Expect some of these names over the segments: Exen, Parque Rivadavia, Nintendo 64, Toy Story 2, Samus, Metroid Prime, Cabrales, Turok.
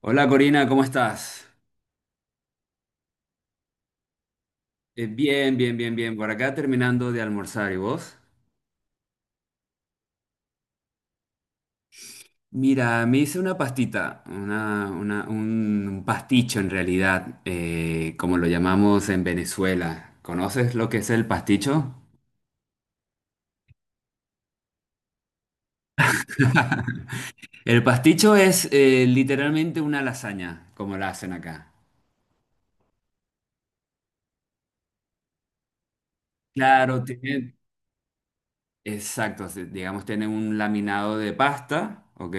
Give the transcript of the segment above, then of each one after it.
Hola Corina, ¿cómo estás? Bien. Por acá terminando de almorzar, ¿y vos? Mira, me hice una pastita, un pasticho en realidad, como lo llamamos en Venezuela. ¿Conoces lo que es el pasticho? El pasticho es literalmente una lasaña, como la hacen acá. Claro, tiene, exacto, digamos, tiene un laminado de pasta, ¿ok?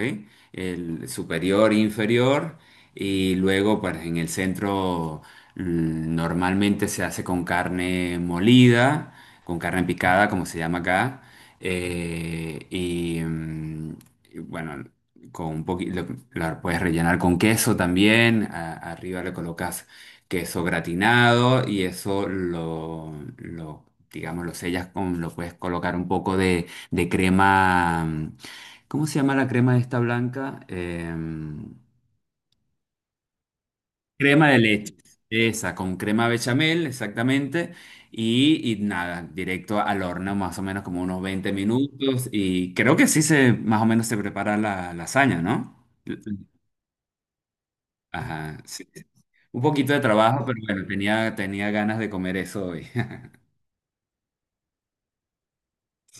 El superior, inferior, y luego, pues en el centro normalmente se hace con carne molida, con carne picada, como se llama acá, eh, y, mm, bueno, con un poquito, la puedes rellenar con queso también, arriba le colocas queso gratinado y eso digamos, lo sellas con, lo puedes colocar un poco de crema, ¿cómo se llama la crema esta blanca? Crema de leche, esa, con crema bechamel, exactamente. Y nada, directo al horno, más o menos como unos 20 minutos. Y creo que sí se, más o menos se prepara la lasaña, ¿no? Ajá, sí. Un poquito de trabajo, pero bueno, tenía ganas de comer eso hoy.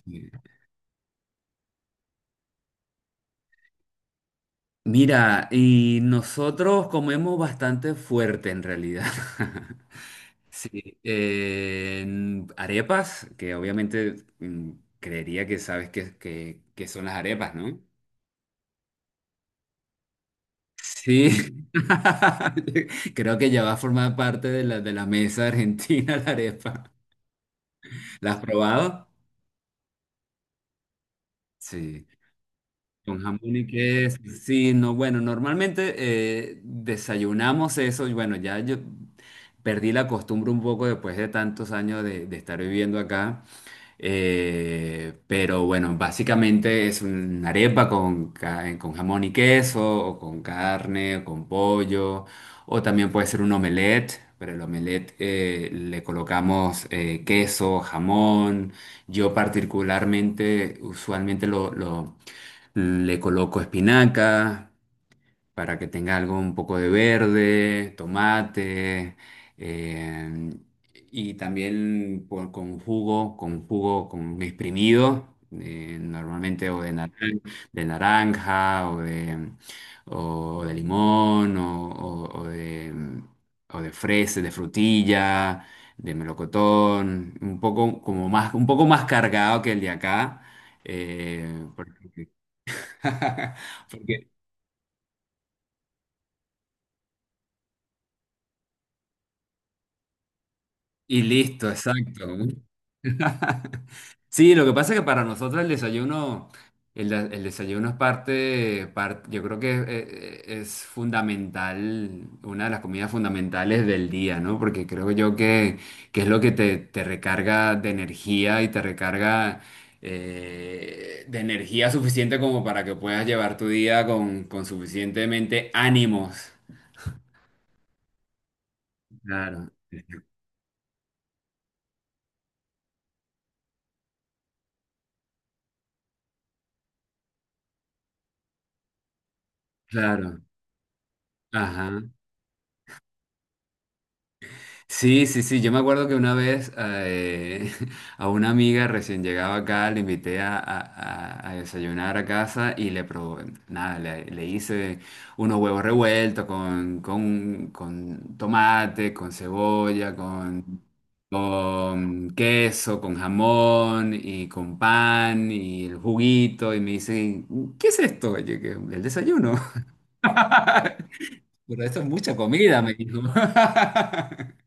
Mira, y nosotros comemos bastante fuerte en realidad. Sí, arepas, que obviamente creería que sabes que son las arepas, ¿no? Sí, creo que ya va a formar parte de de la mesa argentina la arepa. ¿La has probado? Sí. Con jamón y queso, sí, no, bueno, normalmente desayunamos eso y bueno, ya yo perdí la costumbre un poco después de tantos años de estar viviendo acá, pero bueno, básicamente es una arepa con, con jamón y queso, o con carne, o con pollo, o también puede ser un omelette, pero el omelette le colocamos queso, jamón, yo particularmente usualmente le coloco espinaca para que tenga algo un poco de verde, tomate, eh, y también con jugo, con exprimido, normalmente o de, de naranja o de limón o, o de fresa, de frutilla, de melocotón, un poco como más, un poco más cargado que el de acá. Porque Porque- y listo, exacto. Sí, lo que pasa es que para nosotros el desayuno, el desayuno es parte, yo creo que es, fundamental, una de las comidas fundamentales del día, ¿no? Porque creo yo que es lo que te recarga de energía y te recarga de energía suficiente como para que puedas llevar tu día con suficientemente ánimos. Claro, claro. Ajá. Sí, sí, sí. Yo me acuerdo que una vez a una amiga recién llegaba acá, le invité a desayunar a casa y le probé, nada, le hice unos huevos revueltos con tomate, con cebolla, con queso, con jamón y con pan y el juguito. Y me dice, ¿qué es esto? Y yo, que, el desayuno. Pero esto es mucha comida, me dijo.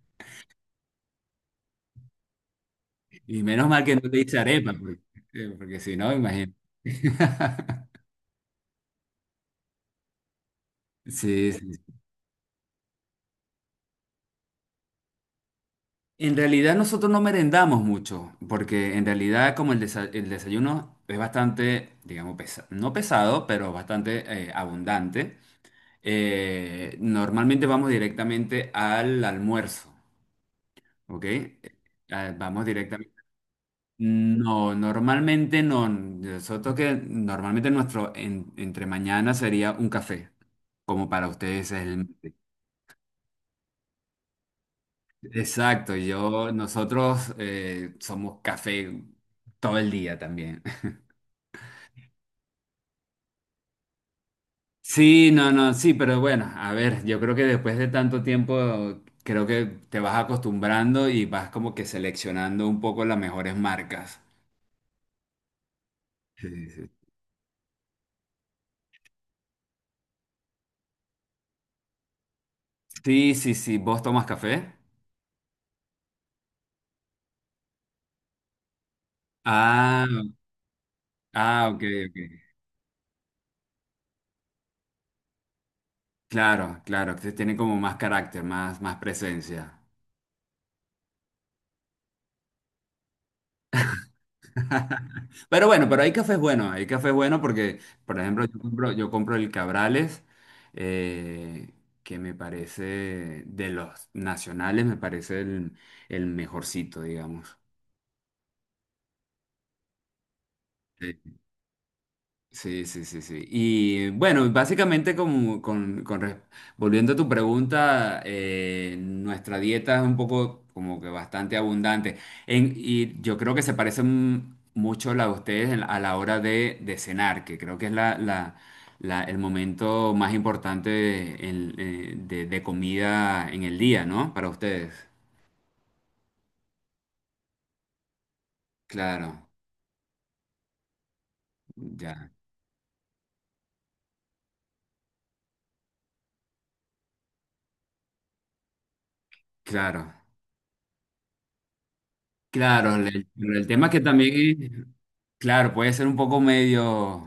Y menos mal que no te hice arepa, porque, porque si no, imagínate. Sí, sí. En realidad nosotros no merendamos mucho, porque en realidad como el, el desayuno es bastante, digamos, no pesado, pero bastante abundante, normalmente vamos directamente al almuerzo, ¿ok? Ah, vamos directamente. No, normalmente no. Nosotros que normalmente nuestro entre mañana sería un café, como para ustedes es el exacto, yo, nosotros somos café todo el día también. Sí, no, no, sí, pero bueno, a ver, yo creo que después de tanto tiempo, creo que te vas acostumbrando y vas como que seleccionando un poco las mejores marcas. Sí, sí. Sí, sí, sí, ¿vos tomas café? Ah, ah, ok, ok. Claro, claro, que tiene como más carácter, más, más presencia. Pero bueno, pero hay cafés bueno porque, por ejemplo, yo compro el Cabrales, eh, que me parece de los nacionales, me parece el mejorcito, digamos. Sí, sí, sí, sí. Y bueno, básicamente como, con, volviendo a tu pregunta, nuestra dieta es un poco como que bastante abundante. Y yo creo que se parece mucho la de ustedes a la hora de cenar, que creo que es el momento más importante de, de comida en el día, ¿no? Para ustedes. Claro, ya, claro. Claro, el tema es que también, claro, puede ser un poco medio...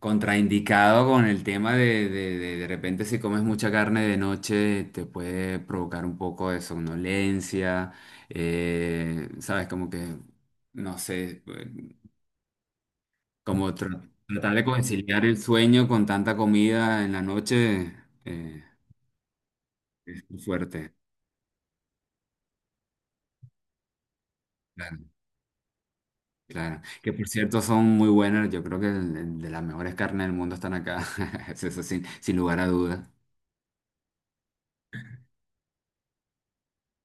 Contraindicado con el tema de repente si comes mucha carne de noche te puede provocar un poco de somnolencia, sabes, como que, no sé, como tratar de conciliar el sueño con tanta comida en la noche eh, es muy fuerte. Claro, claro. Que por cierto son muy buenas, yo creo que de las mejores carnes del mundo están acá, eso sin, sin lugar a dudas.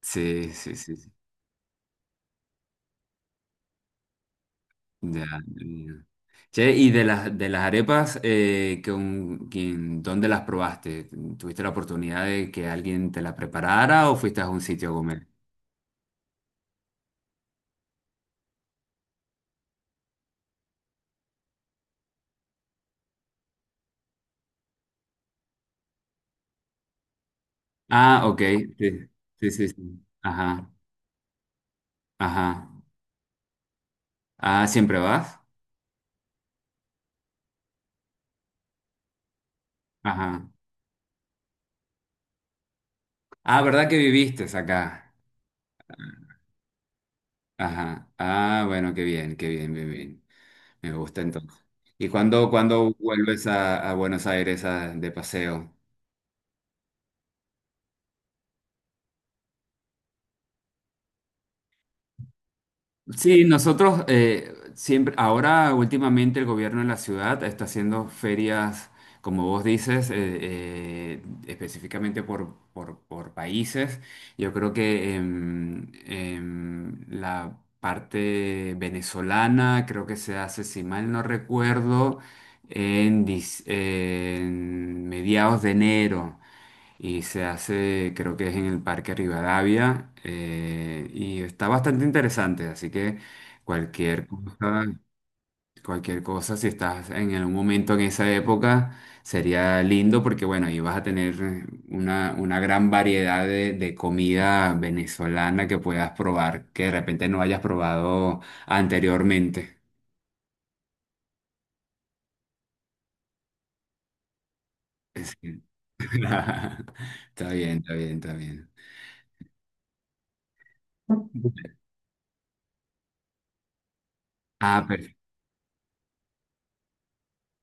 Sí, sí, sí. Sí. Ya, ya. Che, y de las arepas, ¿dónde las probaste? ¿Tuviste la oportunidad de que alguien te la preparara o fuiste a un sitio a comer? Ah, ok, sí, sí, sí, sí. Ajá, ajá. Ah, ¿siempre vas? Ajá. Ah, ¿verdad que viviste acá? Ajá. Ah, bueno, qué bien, bien, bien. Me gusta entonces. ¿Y cuándo vuelves a Buenos Aires de paseo? Sí, nosotros siempre, ahora últimamente el gobierno de la ciudad está haciendo ferias, como vos dices, eh, específicamente por, por países. Yo creo que la parte venezolana creo que se hace, si mal no recuerdo, en, en mediados de enero y se hace, creo que es en el Parque Rivadavia, y está bastante interesante, así que cualquier cosa, cualquier cosa, si estás en algún momento en esa época, sería lindo porque, bueno, ahí vas a tener una gran variedad de comida venezolana que puedas probar, que de repente no hayas probado anteriormente. Es Está bien, está bien, está bien. Ah, perfecto.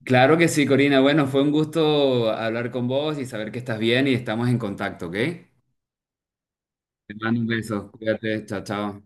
Claro que sí, Corina. Bueno, fue un gusto hablar con vos y saber que estás bien y estamos en contacto, ¿ok? Te mando un beso. Cuídate. Chao, chao.